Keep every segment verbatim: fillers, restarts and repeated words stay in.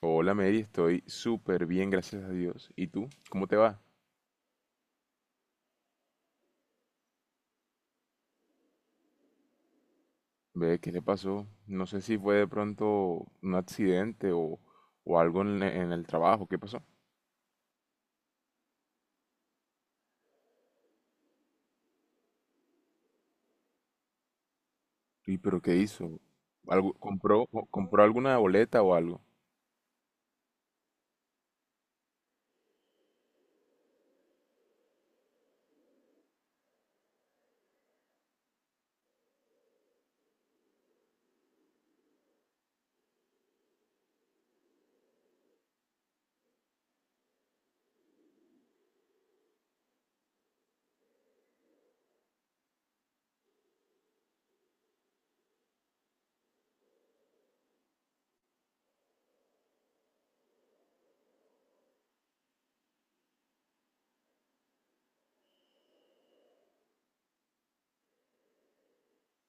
Hola Mary, estoy súper bien, gracias a Dios. ¿Y tú? ¿Cómo te va? Ve, ¿qué te pasó? No sé si fue de pronto un accidente o, o algo en, en el trabajo. ¿Qué pasó? ¿Y pero qué hizo? ¿Algo, compró, o- compró alguna boleta o algo?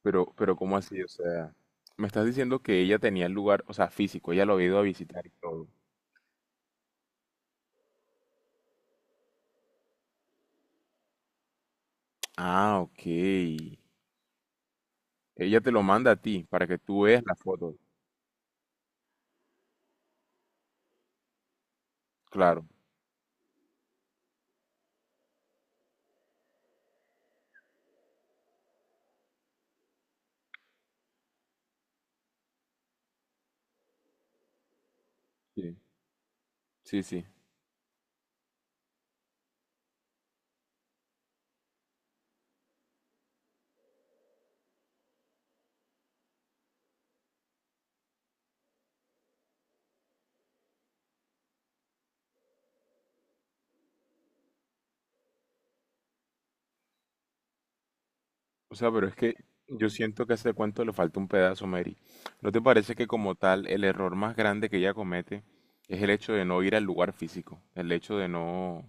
Pero, pero ¿cómo así? O sea, me estás diciendo que ella tenía el lugar, o sea, físico, ella lo había ido a visitar y todo. Ah, ok. Ella te lo manda a ti para que tú veas la foto. Claro. Sí, sí, sí. O sea, pero es que yo siento que a ese cuento le falta un pedazo, Mary. ¿No te parece que como tal el error más grande que ella comete es el hecho de no ir al lugar físico? El hecho de no...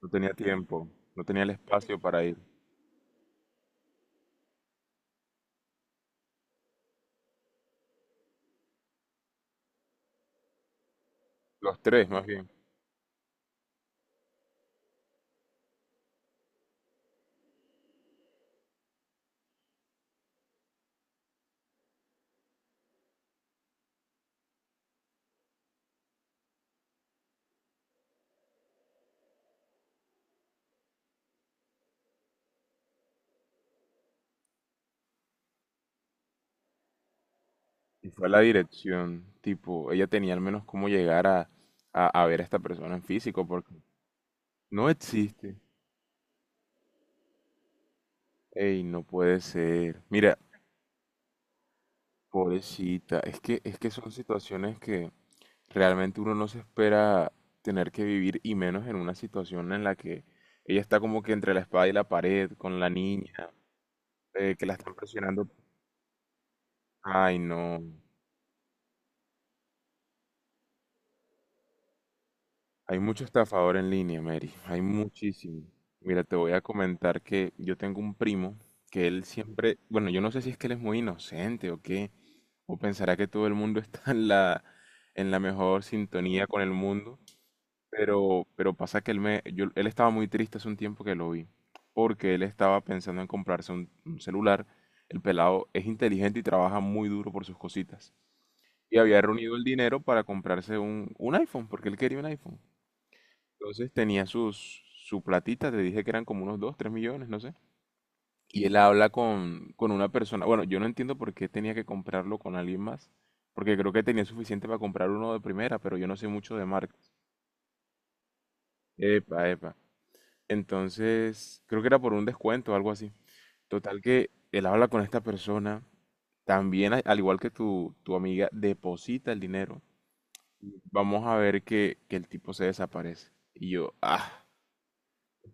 No tenía tiempo, no tenía el espacio para ir. Los tres, más bien. Y fue la dirección, tipo, ella tenía al menos cómo llegar a, a, a ver a esta persona en físico, porque no existe. Ey, no puede ser. Mira, pobrecita, es que, es que son situaciones que... Realmente uno no se espera tener que vivir y menos en una situación en la que ella está como que entre la espada y la pared con la niña, eh, que la están presionando. Ay, no. Hay mucho estafador en línea, Mary. Hay muchísimo. Mira, te voy a comentar que yo tengo un primo que él siempre, bueno, yo no sé si es que él es muy inocente o qué, o pensará que todo el mundo está en la, en la mejor sintonía con el mundo. Pero, pero pasa que él me, yo, él estaba muy triste hace un tiempo que lo vi, porque él estaba pensando en comprarse un, un celular. El pelado es inteligente y trabaja muy duro por sus cositas. Y había reunido el dinero para comprarse un, un iPhone, porque él quería un iPhone. Entonces tenía sus, su platita. Te dije que eran como unos dos, tres millones, no sé. Y él habla con, con una persona. Bueno, yo no entiendo por qué tenía que comprarlo con alguien más, porque creo que tenía suficiente para comprar uno de primera, pero yo no sé mucho de marcas. Epa, epa. Entonces, creo que era por un descuento o algo así. Total que él habla con esta persona, también a- al igual que tu, tu amiga, deposita el dinero. Vamos a ver que, que el tipo se desaparece. Y yo, ah,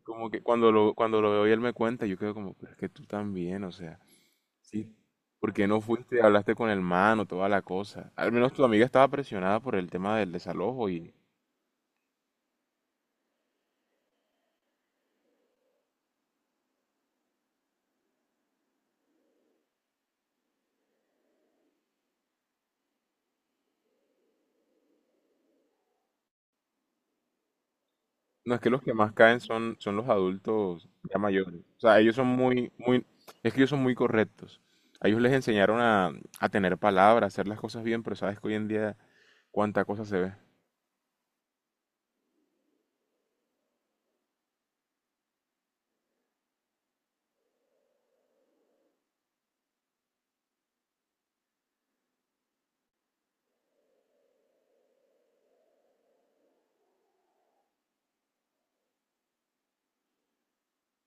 como que cuando lo, cuando lo veo y él me cuenta, yo quedo como, pero es que tú también, o sea, sí, ¿por qué no fuiste hablaste con el man o toda la cosa? Al menos tu amiga estaba presionada por el tema del desalojo y no, es que los que más caen son, son los adultos ya mayores. O sea, ellos son muy, muy, es que ellos son muy correctos. A ellos les enseñaron a, a tener palabra, a hacer las cosas bien, pero sabes que hoy en día cuánta cosa se ve.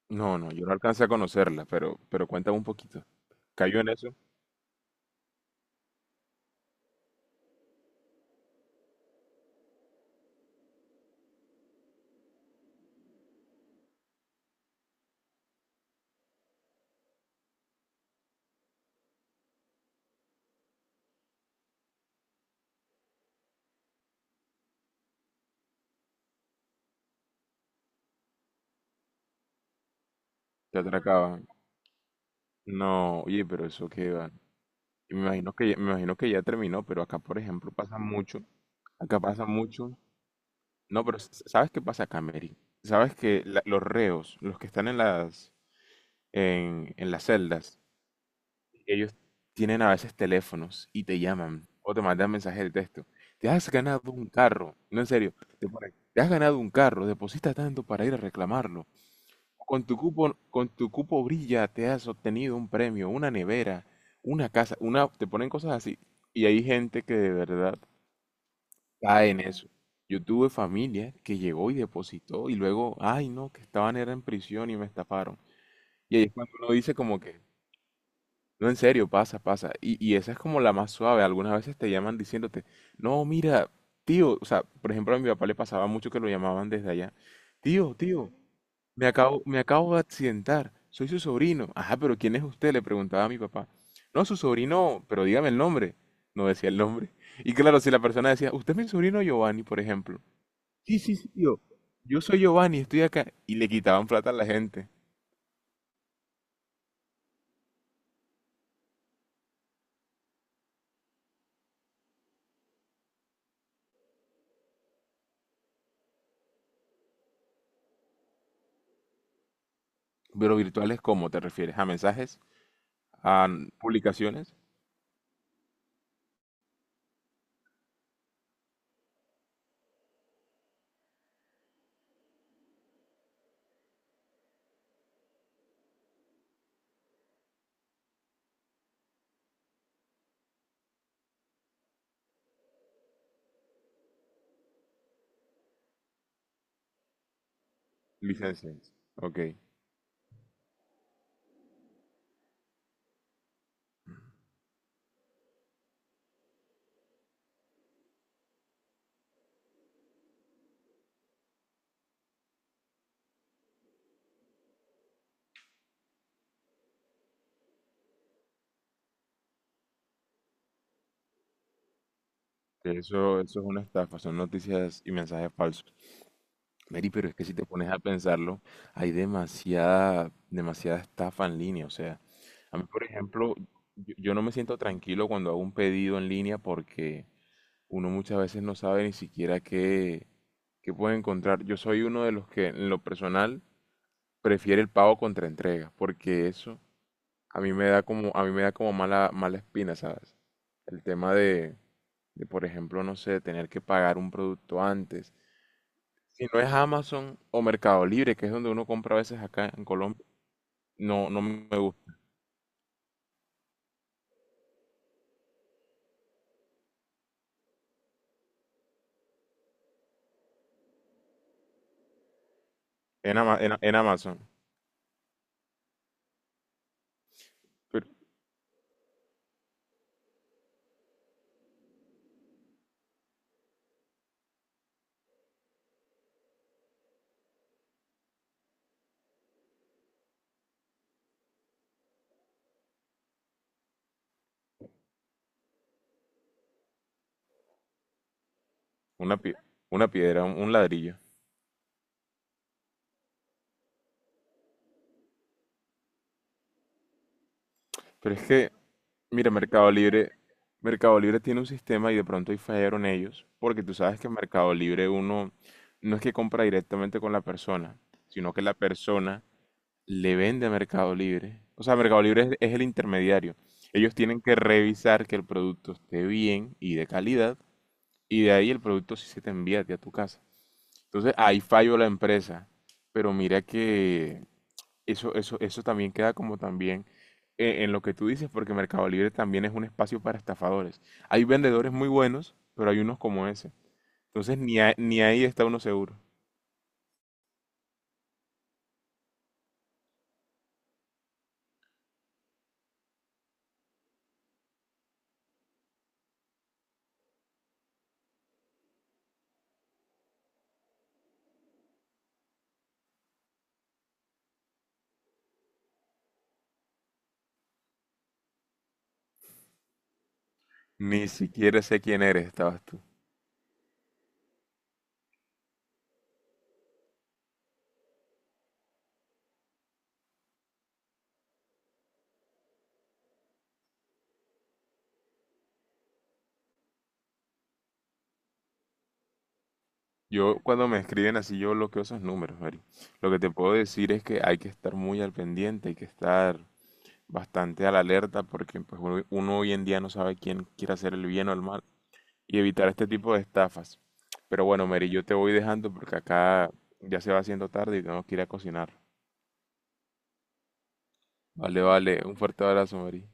No, no, yo no alcancé a conocerla, pero, pero cuéntame un poquito. ¿Cayó en eso? ¿Te atracaban? No, oye, pero eso qué va. Y me imagino que, ya- me imagino que ya terminó, pero acá, por ejemplo, pasa mucho. Acá pasa mucho. No, pero s- ¿sabes qué pasa acá, Mary? ¿Sabes que la- los reos, los que están en las en, en las celdas, ellos tienen a veces teléfonos y te llaman o te mandan mensajes de texto? Te has ganado un carro, no en serio, te ponen, te has ganado un carro, deposita tanto para ir a reclamarlo. O con tu cupo, con tu cupo brilla, te has obtenido un premio, una nevera, una casa, una, te ponen cosas así. Y hay gente que de verdad cae en eso. Yo tuve familia que llegó y depositó y luego, ay no, que estaban era en prisión y me estafaron. Y ahí es cuando uno dice como que, no, en serio, pasa, pasa. Y, y esa es como la más suave. Algunas veces te llaman diciéndote, no, mira, tío, o sea, por ejemplo, a mi papá le pasaba mucho que lo llamaban desde allá. Tío, tío, me acabo, me acabo de accidentar. Soy su sobrino. Ajá, pero ¿quién es usted? Le preguntaba a mi papá. No, su sobrino, pero dígame el nombre. No decía el nombre. Y claro, si la persona decía, usted es mi sobrino Giovanni, por ejemplo. Sí, sí, sí, tío. Yo soy Giovanni, estoy acá. Y le quitaban plata a la gente. Pero virtuales, ¿cómo te refieres? ¿A mensajes? ¿A publicaciones? Licencias. Ok. Eso, eso es una estafa, son noticias y mensajes falsos. Mary, pero es que si te pones a pensarlo, hay demasiada, demasiada estafa en línea. O sea, a mí, por ejemplo, yo, yo no me siento tranquilo cuando hago un pedido en línea porque uno muchas veces no sabe ni siquiera qué, qué puede encontrar. Yo soy uno de los que, en lo personal, prefiere el pago contra entrega, porque eso a mí me da como, a mí me da como mala, mala espina, ¿sabes? El tema de de, por ejemplo, no sé, tener que pagar un producto antes. Si no es Amazon o Mercado Libre, que es donde uno compra a veces acá en Colombia, no, no me gusta. En, Ama- en- en Amazon, pero una, pie- una piedra, un, un ladrillo. Pero es que, mira, Mercado Libre, Mercado Libre tiene un sistema y de pronto ahí fallaron ellos, porque tú sabes que en Mercado Libre uno no es que compra directamente con la persona, sino que la persona le vende a Mercado Libre. O sea, Mercado Libre es, es el intermediario. Ellos tienen que revisar que el producto esté bien y de calidad, y de ahí el producto sí se te envía a ti a tu casa. Entonces, ahí falló la empresa. Pero mira que eso, eso, eso también queda como también eh, en lo que tú dices, porque Mercado Libre también es un espacio para estafadores. Hay vendedores muy buenos, pero hay unos como ese. Entonces, ni, a- ni ahí está uno seguro. Ni siquiera sé quién eres, estabas tú. Yo cuando me escriben así, yo bloqueo esos números, Mary. Lo que te puedo decir es que hay que estar muy al pendiente, hay que estar bastante a la alerta porque pues, uno, uno hoy en día no sabe quién quiere hacer el bien o el mal y evitar este tipo de estafas. Pero bueno, Mary, yo te voy dejando porque acá ya se va haciendo tarde y tenemos que ir a cocinar. Vale, vale, un fuerte abrazo, Mary.